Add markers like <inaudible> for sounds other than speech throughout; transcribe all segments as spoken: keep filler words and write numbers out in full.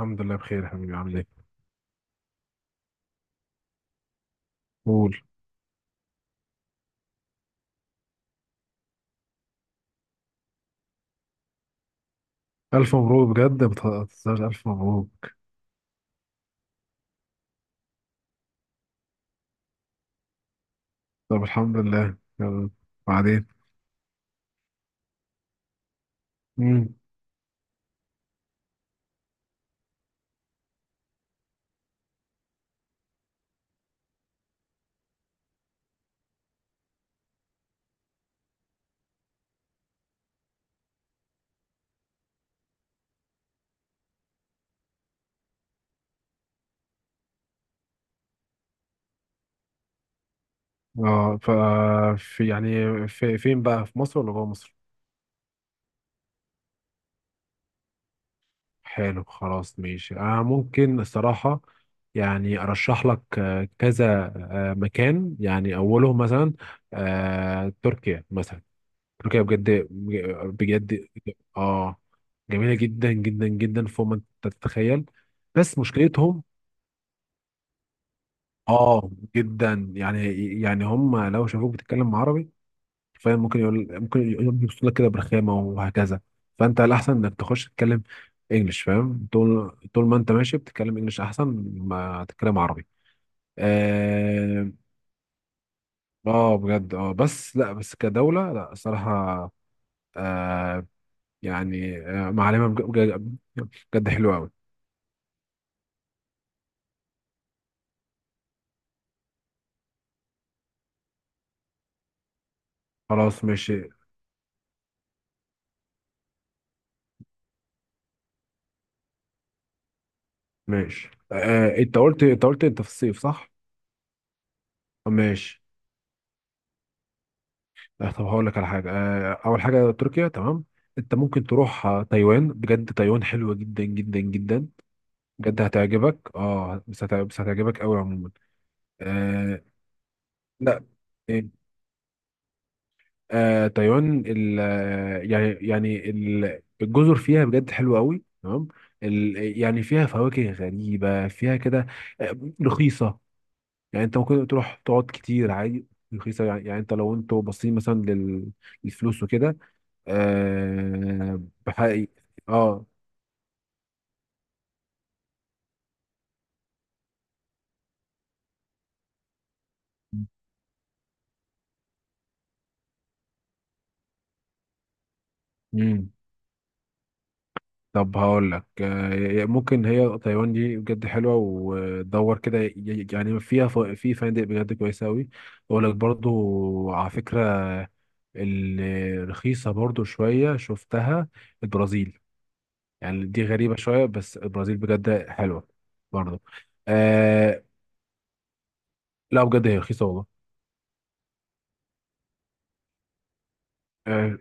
الحمد لله بخير يا حبيبي، عامل ايه؟ قول. ألف مبروك بجد، بتهزرش، ألف مبروك. طب الحمد لله، يلا بعدين. مم. اه ف في يعني في فين بقى، في مصر ولا جوه مصر؟ حلو خلاص ماشي. أنا ممكن الصراحة يعني أرشح لك آه، كذا آه، مكان، يعني أولهم مثلا آه، تركيا مثلا. تركيا بجد، بجد اه جميلة جدا جدا جدا، فوق ما تتخيل. بس مشكلتهم اه جدا يعني. يعني هم لو شافوك بتتكلم عربي، فاهم، ممكن يقول ممكن يقول يبص لك كده برخامه وهكذا. فانت الاحسن انك تخش تتكلم انجلش، فاهم، طول طول ما انت ماشي بتتكلم انجلش احسن ما تتكلم عربي. اه. آه، بجد، اه بس لا، بس كدوله، لا الصراحه آه يعني آه معلمه بجد، بجد حلوه قوي. خلاص ماشي. ماشي، آه انت قلت انت قلت انت في الصيف، صح؟ ماشي. لا طب هقول لك على حاجه، آه، اول حاجه تركيا، تمام. انت ممكن تروح آه، تايوان، بجد تايوان حلوه جدا جدا جدا. بجد هتعجبك. اه بس هتع- بس هتعجبك قوي عموما. آه لا، إيه، آه تايوان ال آه، يعني يعني ال- الجزر فيها بجد حلوه قوي، تمام. ال- يعني فيها فواكه غريبه، فيها كده، آه، رخيصه. يعني انت ممكن تروح تقعد كتير عادي، رخيصه. يعني, يعني انت، لو انتوا باصين مثلا لل- للفلوس وكده. أه، بحقيقي، اه. مم. طب هقول لك، أه ممكن هي تايوان دي بجد حلوه، ودور كده. ي- ي- يعني فيها ف- في فنادق بجد كويسه قوي. اقول لك برضو على فكره، الرخيصه برضو شويه شفتها، البرازيل. يعني دي غريبه شويه، بس البرازيل بجد حلوه برضو. أه، لا بجد هي رخيصه والله. أه،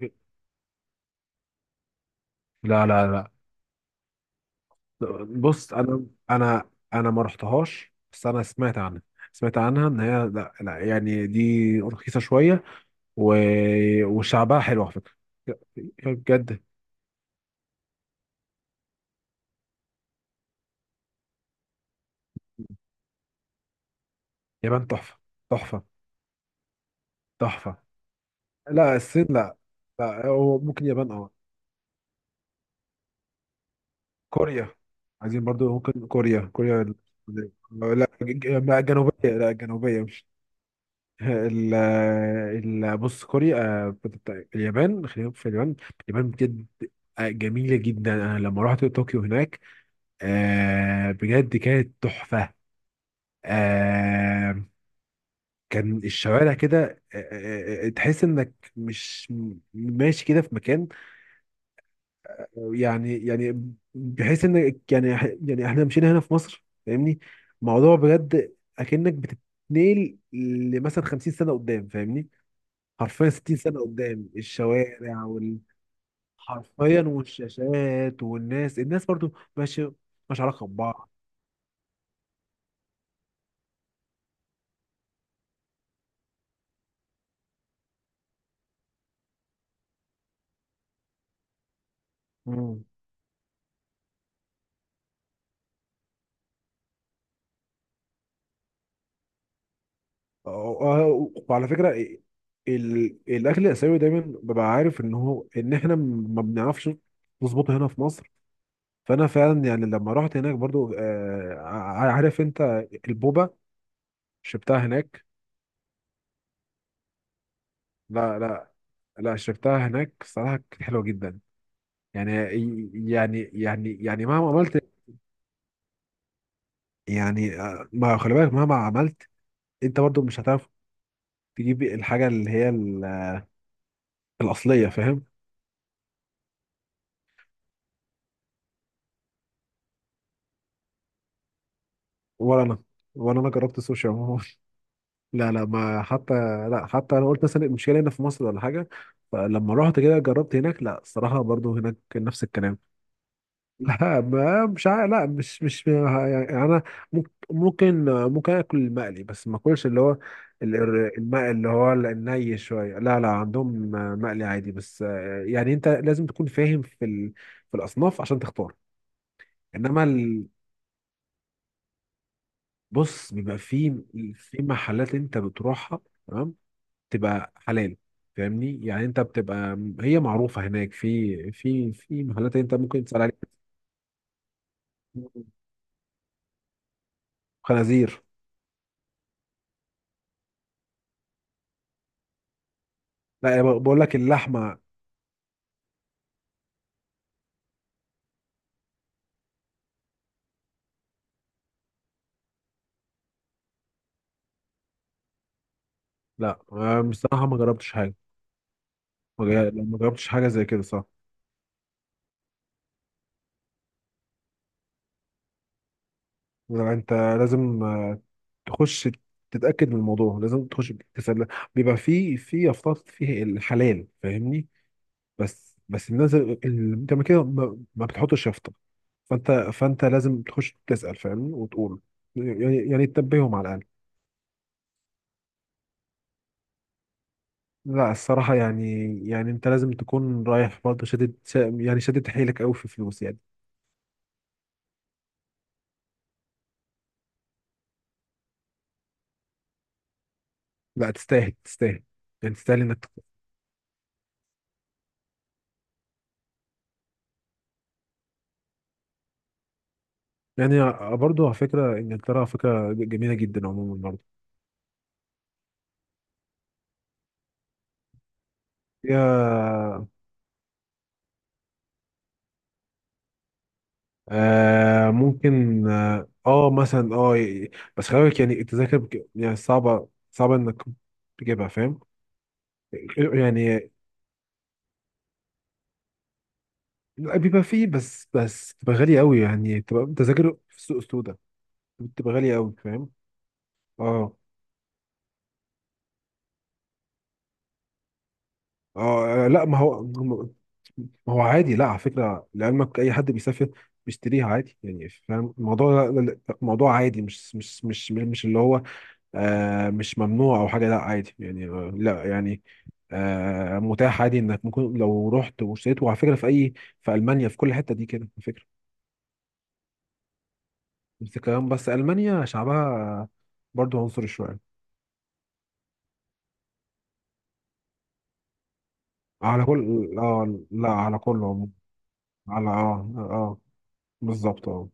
لا لا لا. بص، انا انا انا ما رحتهاش، بس انا سمعت عنها. سمعت عنها ان هي، لا, لا يعني دي رخيصه شويه. و... وشعبها حلو على فكره. يا- بجد. اليابان تحفه، تحفه. تحفه. لا، الصين لا. لا هو ممكن اليابان، اه. كوريا. عايزين برضو، ممكن كوريا، كوريا ال- لا، ج- ج- لا، جنوبيه، لا جنوبيه. ال ال بص، كوريا آه، بت- اليابان، خلينا في اليابان. اليابان بجد آه، جميلة جدا. أنا لما رحت طوكيو هناك، آه، بجد كانت تحفة. آه، كان الشوارع كده، آه، آه، آه، تحس إنك مش م- ماشي كده في مكان. يعني يعني بحيث إنك، يعني، يعني إحنا مشينا هنا في مصر، فاهمني. موضوع بجد أكنك بتتنقل لمثلا 50 سنة قدام، فاهمني، حرفيا 60 سنة قدام الشوارع وال... حرفيا، والشاشات والناس، الناس برضو ماشي، مش علاقة ببعض. مم. أه- أه، وعلى فكرة، ال... الأكل الآسيوي دايما ببقى عارف إن هو، إن إحنا ما بنعرفش نظبطه هنا في مصر. فأنا فعلا يعني لما رحت هناك برضو، آه، ع- عارف أنت، البوبا، شربتها هناك. لا لا، لا شربتها هناك صراحة، كانت حلوة جدا. يعني يعني يعني يعني مهما عملت، يعني آه، ما، خلي بالك، مهما عملت انت برضو مش هتعرف تجيب الحاجه اللي هي ال- الاصليه، فاهم. ولا انا، ولا انا جربت السوشي عموما. <laughs> لا لا، ما حتى، لا حتى انا قلت مثلا المشكله هنا في مصر ولا حاجه، فلما رحت كده جربت هناك، لا الصراحه برضو هناك نفس الكلام. لا، ما- مش عارف، لا مش مش يعني انا ممكن ممكن ممكن اكل المقلي، بس ما اكلش اللي هو ال- ال- المقلي اللي هو الني شويه، لا لا عندهم مقلي عادي بس. يعني انت لازم تكون فاهم في ال- في الاصناف عشان تختار. انما ال- بص بيبقى في في محلات انت بتروحها، تمام، تبقى حلال، فاهمني. يعني انت بتبقى هي معروفه هناك، في في في محلات انت ممكن تسال عليها. خنازير. لا، بقول لك اللحمه. لا آه، بصراحة ما جربتش حاجة. ما جا- ما جربتش حاجة زي كده، صح. لا، انت لازم آه، تخش تتأكد من الموضوع، لازم تخش تسأل. بيبقى في في أفكار، فيه الحلال، فاهمني. بس بس الناس اللي انت، ما كده، ما ما بتحطش يافطة. فانت فانت لازم تخش تسأل، فاهمني، وتقول، يعني يعني تنبههم على الأقل. لا الصراحة يعني، يعني انت لازم تكون رايح برضه، شادد شا- يعني شادد حيلك قوي في فلوس يعني. لا تستاهل، تستاهل، يعني تستاهل انك، يعني، برضه على فكرة إنجلترا، على فكرة جميلة جدا عموما، برضه فيها. آه ممكن، اه آه، مثلا، اه ي- بس خلي بالك، يعني التذاكر بك- يعني صعبة، صعبة إنك تجيبها، فاهم. يعني لا، بيبقى فيه بس، بس تبقى غالية أوي، يعني تبقى تذاكر في السوق السوداء، بتبقى غالية أوي، فاهم. اه اه، لا ما هو ما هو عادي، لا على فكره، لعلمك اي حد بيسافر بيشتريها عادي، يعني، فاهم الموضوع، لا- لا- موضوع عادي، مش، مش مش مش اللي هو آه مش ممنوع او حاجه، لا عادي يعني، آه لا يعني آه متاح عادي انك ممكن لو رحت واشتريت، وعلى فكره في اي، في المانيا، في كل حته دي كده، على فكره. بس الكلام بس المانيا شعبها برضو عنصري شويه. على كل اه لا على كل عموم. على اه اه بالظبط، اه،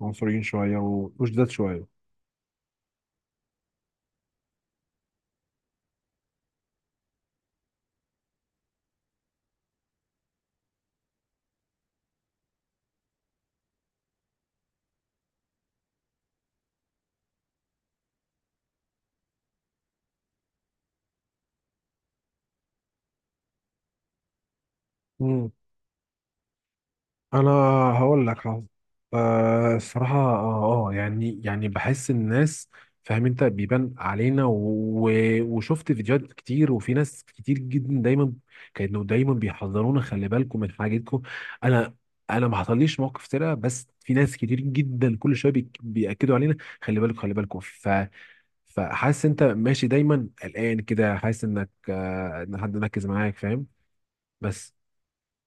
عنصريين شوية وشداد شوية. مم. أنا، هقول لك، حظ. آه الصراحة آه, آه يعني يعني بحس الناس، فاهم، أنت بيبان علينا و... وشفت فيديوهات كتير، وفي ناس كتير جدا دايما، كانوا دايما بيحذرونا: خلي بالكم من حاجتكم. أنا، أنا ما حصليش موقف سرقة، بس في ناس كتير جدا كل شوية بي... بيأكدوا علينا، خلي بالكم، خلي بالكم. ف فحاسس أنت ماشي دايما قلقان كده، حاسس إنك، آه إن حد مركز معاك، فاهم. بس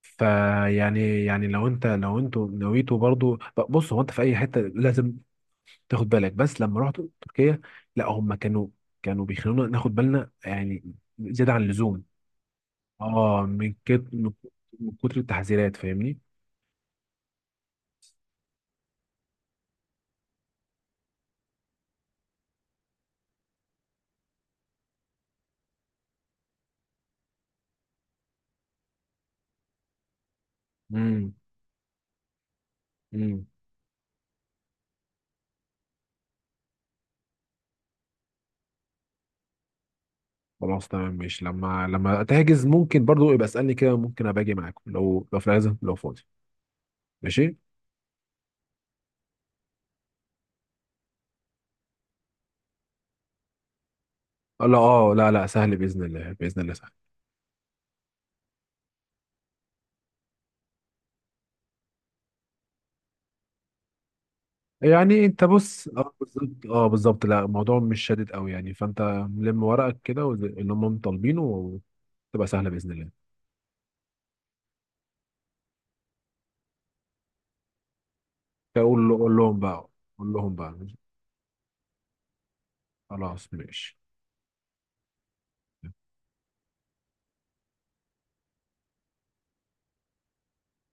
فيعني يعني لو انت لو انتوا نويتوا برضو، بص، هو انت في اي حته لازم تاخد بالك. بس لما رحت تركيا، لا هم كانوا، كانوا بيخلونا ناخد بالنا، يعني، زياده عن اللزوم، اه، من كت... من من كتر التحذيرات، فاهمني. امم امم. خلاص تمام ماشي، لما لما تحجز ممكن برضو يبقى اسالني كده، ممكن ابقى اجي معاكم، لو لو في العزم، لو فاضي. ماشي. لا اه، لا لا، سهل باذن الله، باذن الله سهل. يعني انت، بص، اه بالظبط، اه بالظبط لا الموضوع مش شادد قوي يعني، فانت لم ورقك كده وز- اللي هم طالبينه، وتبقى سهله باذن الله. قول له- قول لهم بقى، قول لهم بقى. خلاص ماشي.